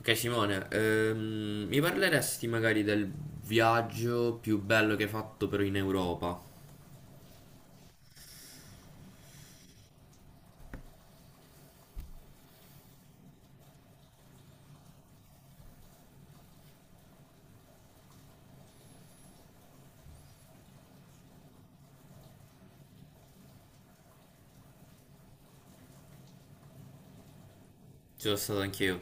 Ok Simone, mi parleresti magari del viaggio più bello che hai fatto però in Europa? Ci sono stato anch'io.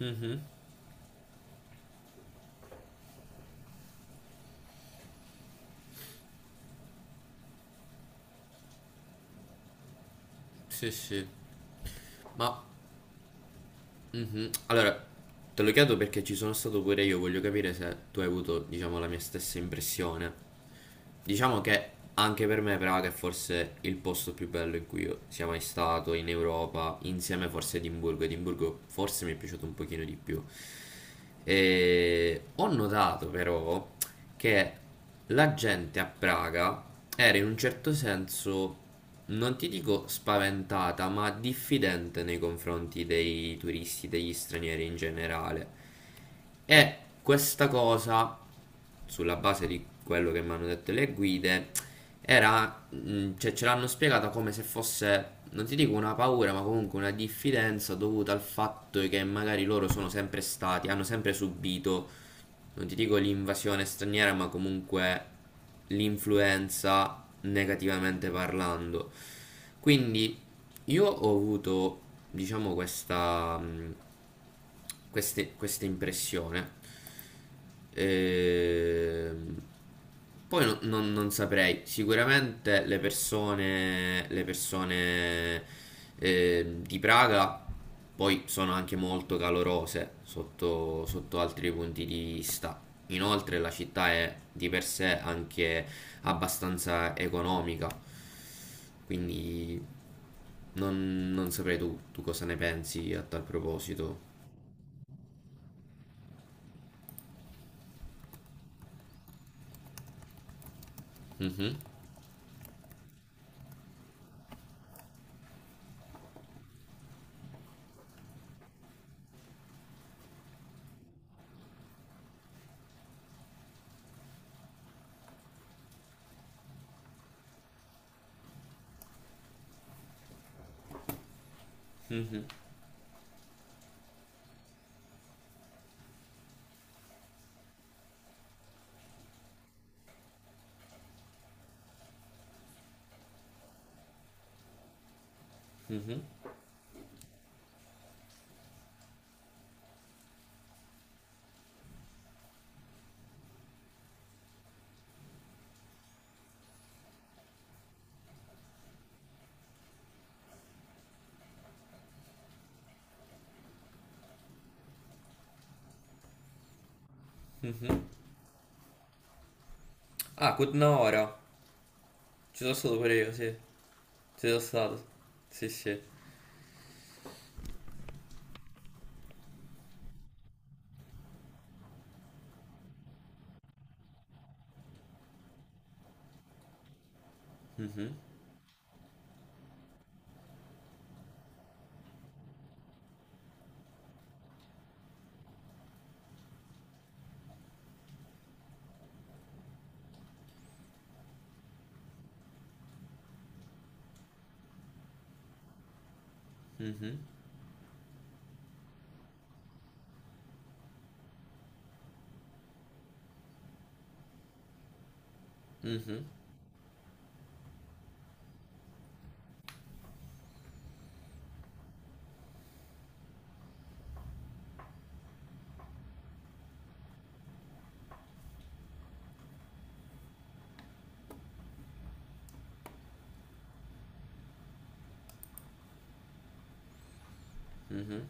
Mhm. Sì, sì. Ma. Mhm. Allora, te lo chiedo perché ci sono stato pure io, voglio capire se tu hai avuto, diciamo, la mia stessa impressione. Diciamo che anche per me Praga è forse il posto più bello in cui io sia mai stato in Europa, insieme forse a Edimburgo. Edimburgo forse mi è piaciuto un pochino di più. E ho notato però che la gente a Praga era in un certo senso, non ti dico spaventata, ma diffidente nei confronti dei turisti, degli stranieri in generale. E questa cosa, sulla base di quello che mi hanno detto le guide, era, cioè, ce l'hanno spiegata come se fosse, non ti dico una paura, ma comunque una diffidenza dovuta al fatto che magari loro sono sempre stati, hanno sempre subito non ti dico l'invasione straniera, ma comunque l'influenza negativamente parlando. Quindi io ho avuto, diciamo, questa, questa impressione. Ehm, poi non saprei, sicuramente le persone di Praga poi sono anche molto calorose sotto altri punti di vista. Inoltre la città è di per sé anche abbastanza economica, quindi non saprei tu cosa ne pensi a tal proposito. Mhm. Mhm, mhm, mhm. Ah, Kutnaora. Ci sono stato pure io, sì. Ci sono stato. Sì, sì. Mhm, mhm, mhm, mhm,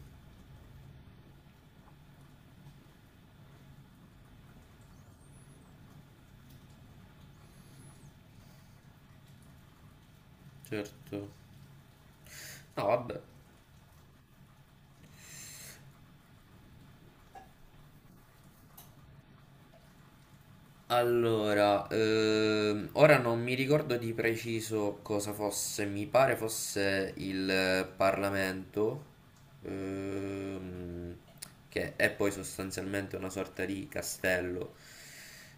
certo. No, vabbè. Allora, ora non mi ricordo di preciso cosa fosse, mi pare fosse il Parlamento, ehm, che è poi sostanzialmente una sorta di castello,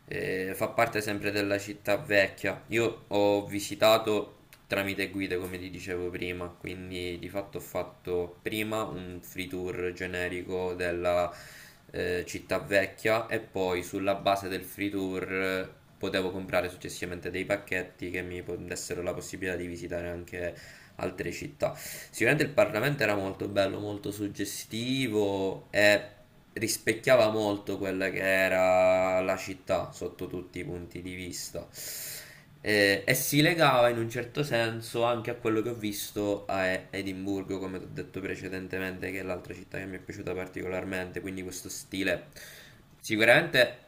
fa parte sempre della città vecchia. Io ho visitato tramite guide come ti dicevo prima, quindi di fatto ho fatto prima un free tour generico della città vecchia e poi sulla base del free tour potevo comprare successivamente dei pacchetti che dessero la possibilità di visitare anche altre città. Sicuramente il Parlamento era molto bello, molto suggestivo e rispecchiava molto quella che era la città sotto tutti i punti di vista. E, si legava in un certo senso anche a quello che ho visto a Edimburgo, come ti ho detto precedentemente, che è l'altra città che mi è piaciuta particolarmente, quindi questo stile sicuramente.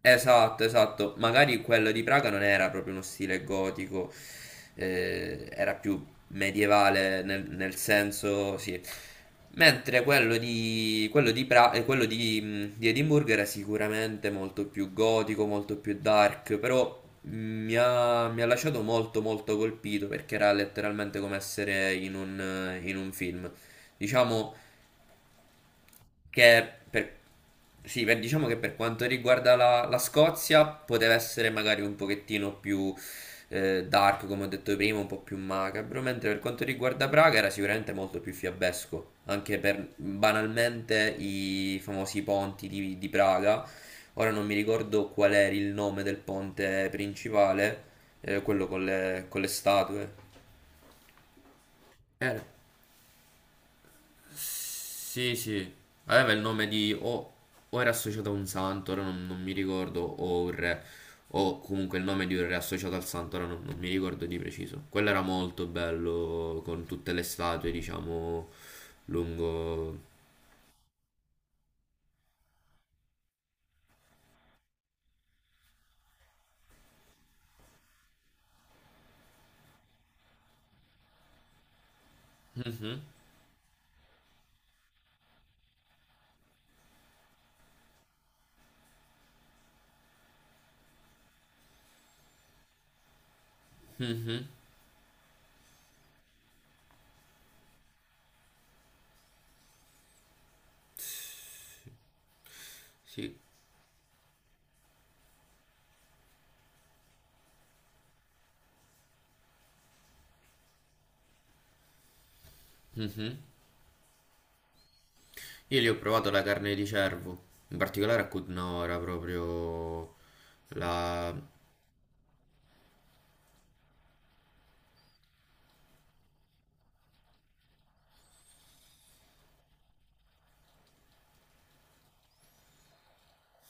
Esatto, esatto. Magari quello di Praga non era proprio uno stile gotico, era più medievale nel senso, sì. Mentre quello di, Pra- quello di Edimburgo era sicuramente molto più gotico, molto più dark, però mi ha lasciato molto molto colpito perché era letteralmente come essere in un film. Diciamo, che per, sì, diciamo che per quanto riguarda la Scozia poteva essere magari un pochettino più dark, come ho detto prima, un po' più macabro, mentre per quanto riguarda Praga era sicuramente molto più fiabesco, anche per banalmente i famosi ponti di Praga. Ora non mi ricordo qual era il nome del ponte principale, quello con le statue. Era. Sì, sì. Aveva il nome di o era associato a un santo, ora non mi ricordo, o un re, o comunque il nome di un re associato al santo, ora non mi ricordo di preciso. Quello era molto bello, con tutte le statue, diciamo, lungo... Mhm, mhm, sì, mhm. Io lì ho provato la carne di cervo, in particolare a Cutnora, proprio la...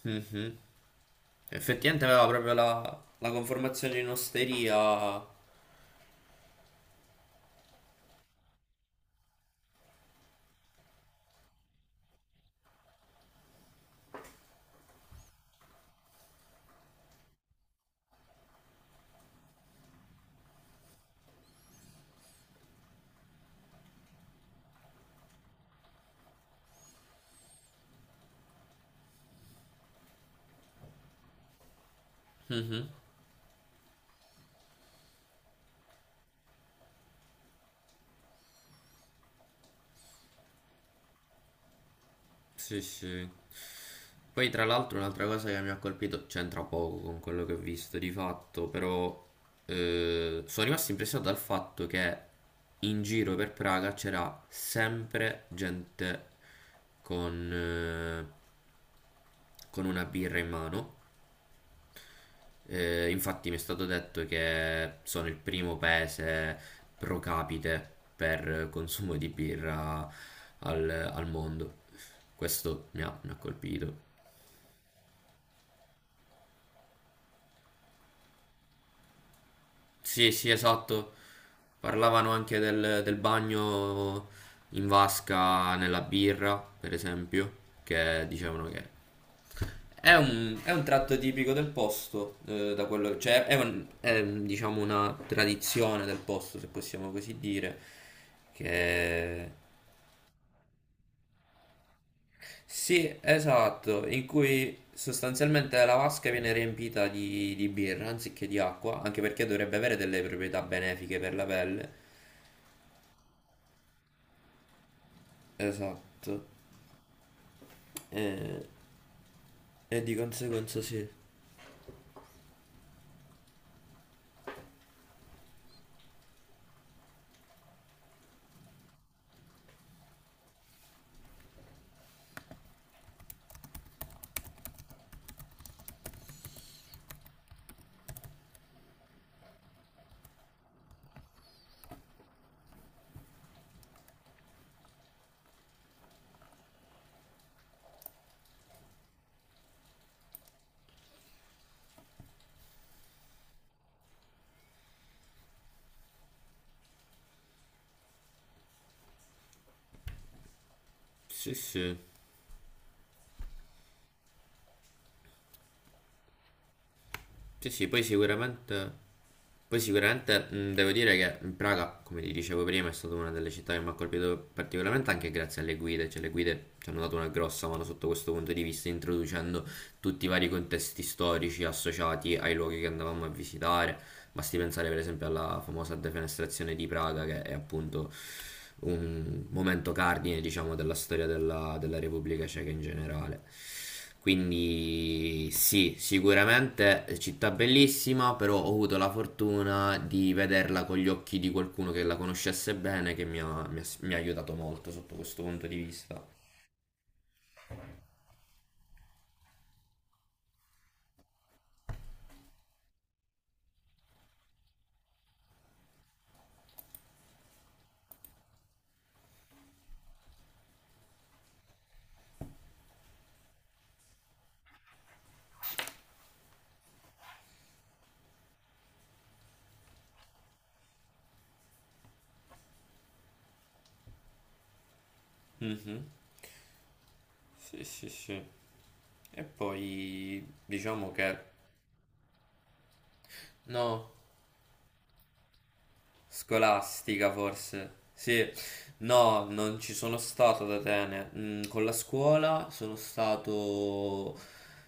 Mhm. Effettivamente aveva proprio la conformazione in osteria. Mhm. Sì, sì. Poi tra l'altro un'altra cosa che mi ha colpito, c'entra poco con quello che ho visto di fatto, però sono rimasto impressionato dal fatto che in giro per Praga c'era sempre gente con, eh, con una birra in mano. Infatti mi è stato detto che sono il primo paese pro capite per consumo di birra al mondo. Questo mi ha colpito. Sì, sì, esatto. Parlavano anche del bagno in vasca nella birra, per esempio, che dicevano che è un, è un tratto tipico del posto, da quello, cioè è, è, diciamo una tradizione del posto, se possiamo così dire, che... Sì, esatto, in cui sostanzialmente la vasca viene riempita di birra anziché di acqua, anche perché dovrebbe avere delle proprietà benefiche per la pelle. Esatto. E, e di conseguenza sì. Sì, sì. Sì, sì, poi sicuramente devo dire che Praga, come ti dicevo prima, è stata una delle città che mi ha colpito particolarmente anche grazie alle guide, cioè le guide ci hanno dato una grossa mano sotto questo punto di vista, introducendo tutti i vari contesti storici associati ai luoghi che andavamo a visitare. Basti pensare per esempio alla famosa defenestrazione di Praga, che è appunto un momento cardine, diciamo, della storia della Repubblica Ceca in generale. Quindi sì, sicuramente città bellissima, però ho avuto la fortuna di vederla con gli occhi di qualcuno che la conoscesse bene, che mi ha aiutato molto sotto questo punto di vista. Mhm. Sì, sì, sì. E poi diciamo che no. Scolastica forse. Sì, no, non ci sono stato ad Atene. Mm, con la scuola sono stato,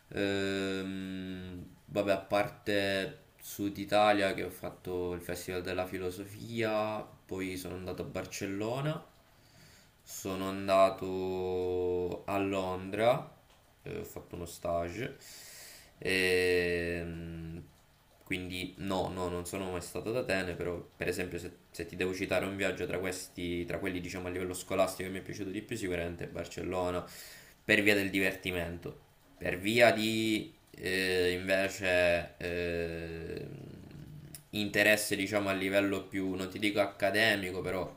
vabbè, a parte Sud Italia che ho fatto il Festival della Filosofia, poi sono andato a Barcellona, sono andato a Londra, ho fatto uno stage, e quindi no, no, non sono mai stato ad Atene, però per esempio se, se ti devo citare un viaggio tra questi, tra quelli diciamo a livello scolastico che mi è piaciuto di più, sicuramente è Barcellona, per via del divertimento, per via di invece interesse diciamo a livello più, non ti dico accademico, però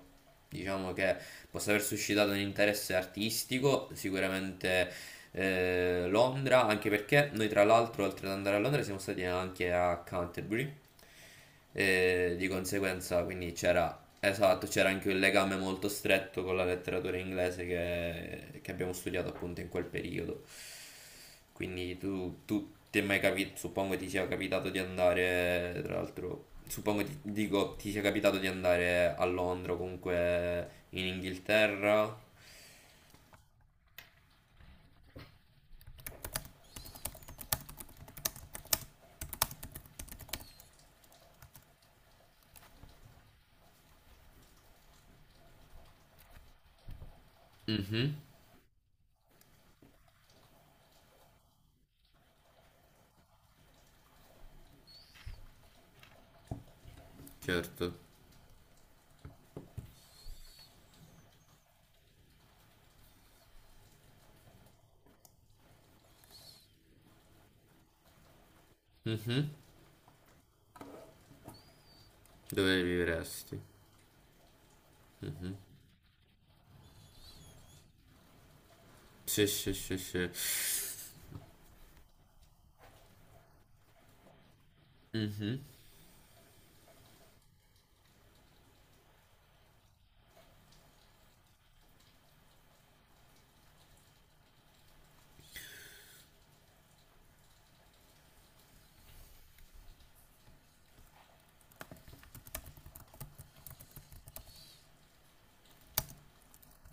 diciamo che possa aver suscitato un interesse artistico, sicuramente Londra, anche perché noi tra l'altro oltre ad andare a Londra siamo stati anche a Canterbury, e di conseguenza quindi c'era, esatto, c'era anche un legame molto stretto con la letteratura inglese che abbiamo studiato appunto in quel periodo. Quindi tu, tu ti è mai capito, suppongo ti sia capitato di andare, tra l'altro, suppongo ti, dico, ti sia capitato di andare a Londra o comunque in Inghilterra? Mhm, certo. Mhm. Dove vivresti? Sì, sì, sì, sì.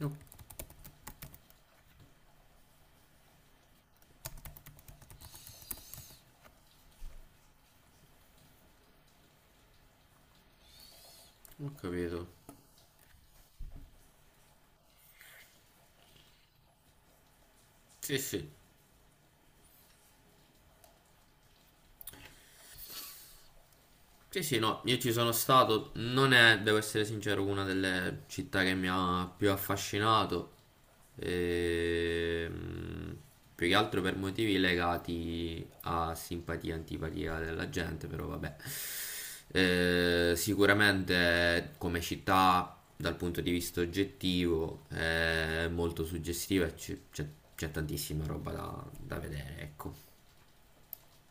Ho, ho capito. Sì, sì. Sì, sì, no, io ci sono stato, non è, devo essere sincero, una delle città che mi ha più affascinato, ehm, più che altro per motivi legati a simpatia, e antipatia della gente, però vabbè. Sicuramente come città, dal punto di vista oggettivo, è molto suggestiva e c'è c'è tantissima roba da vedere, ecco.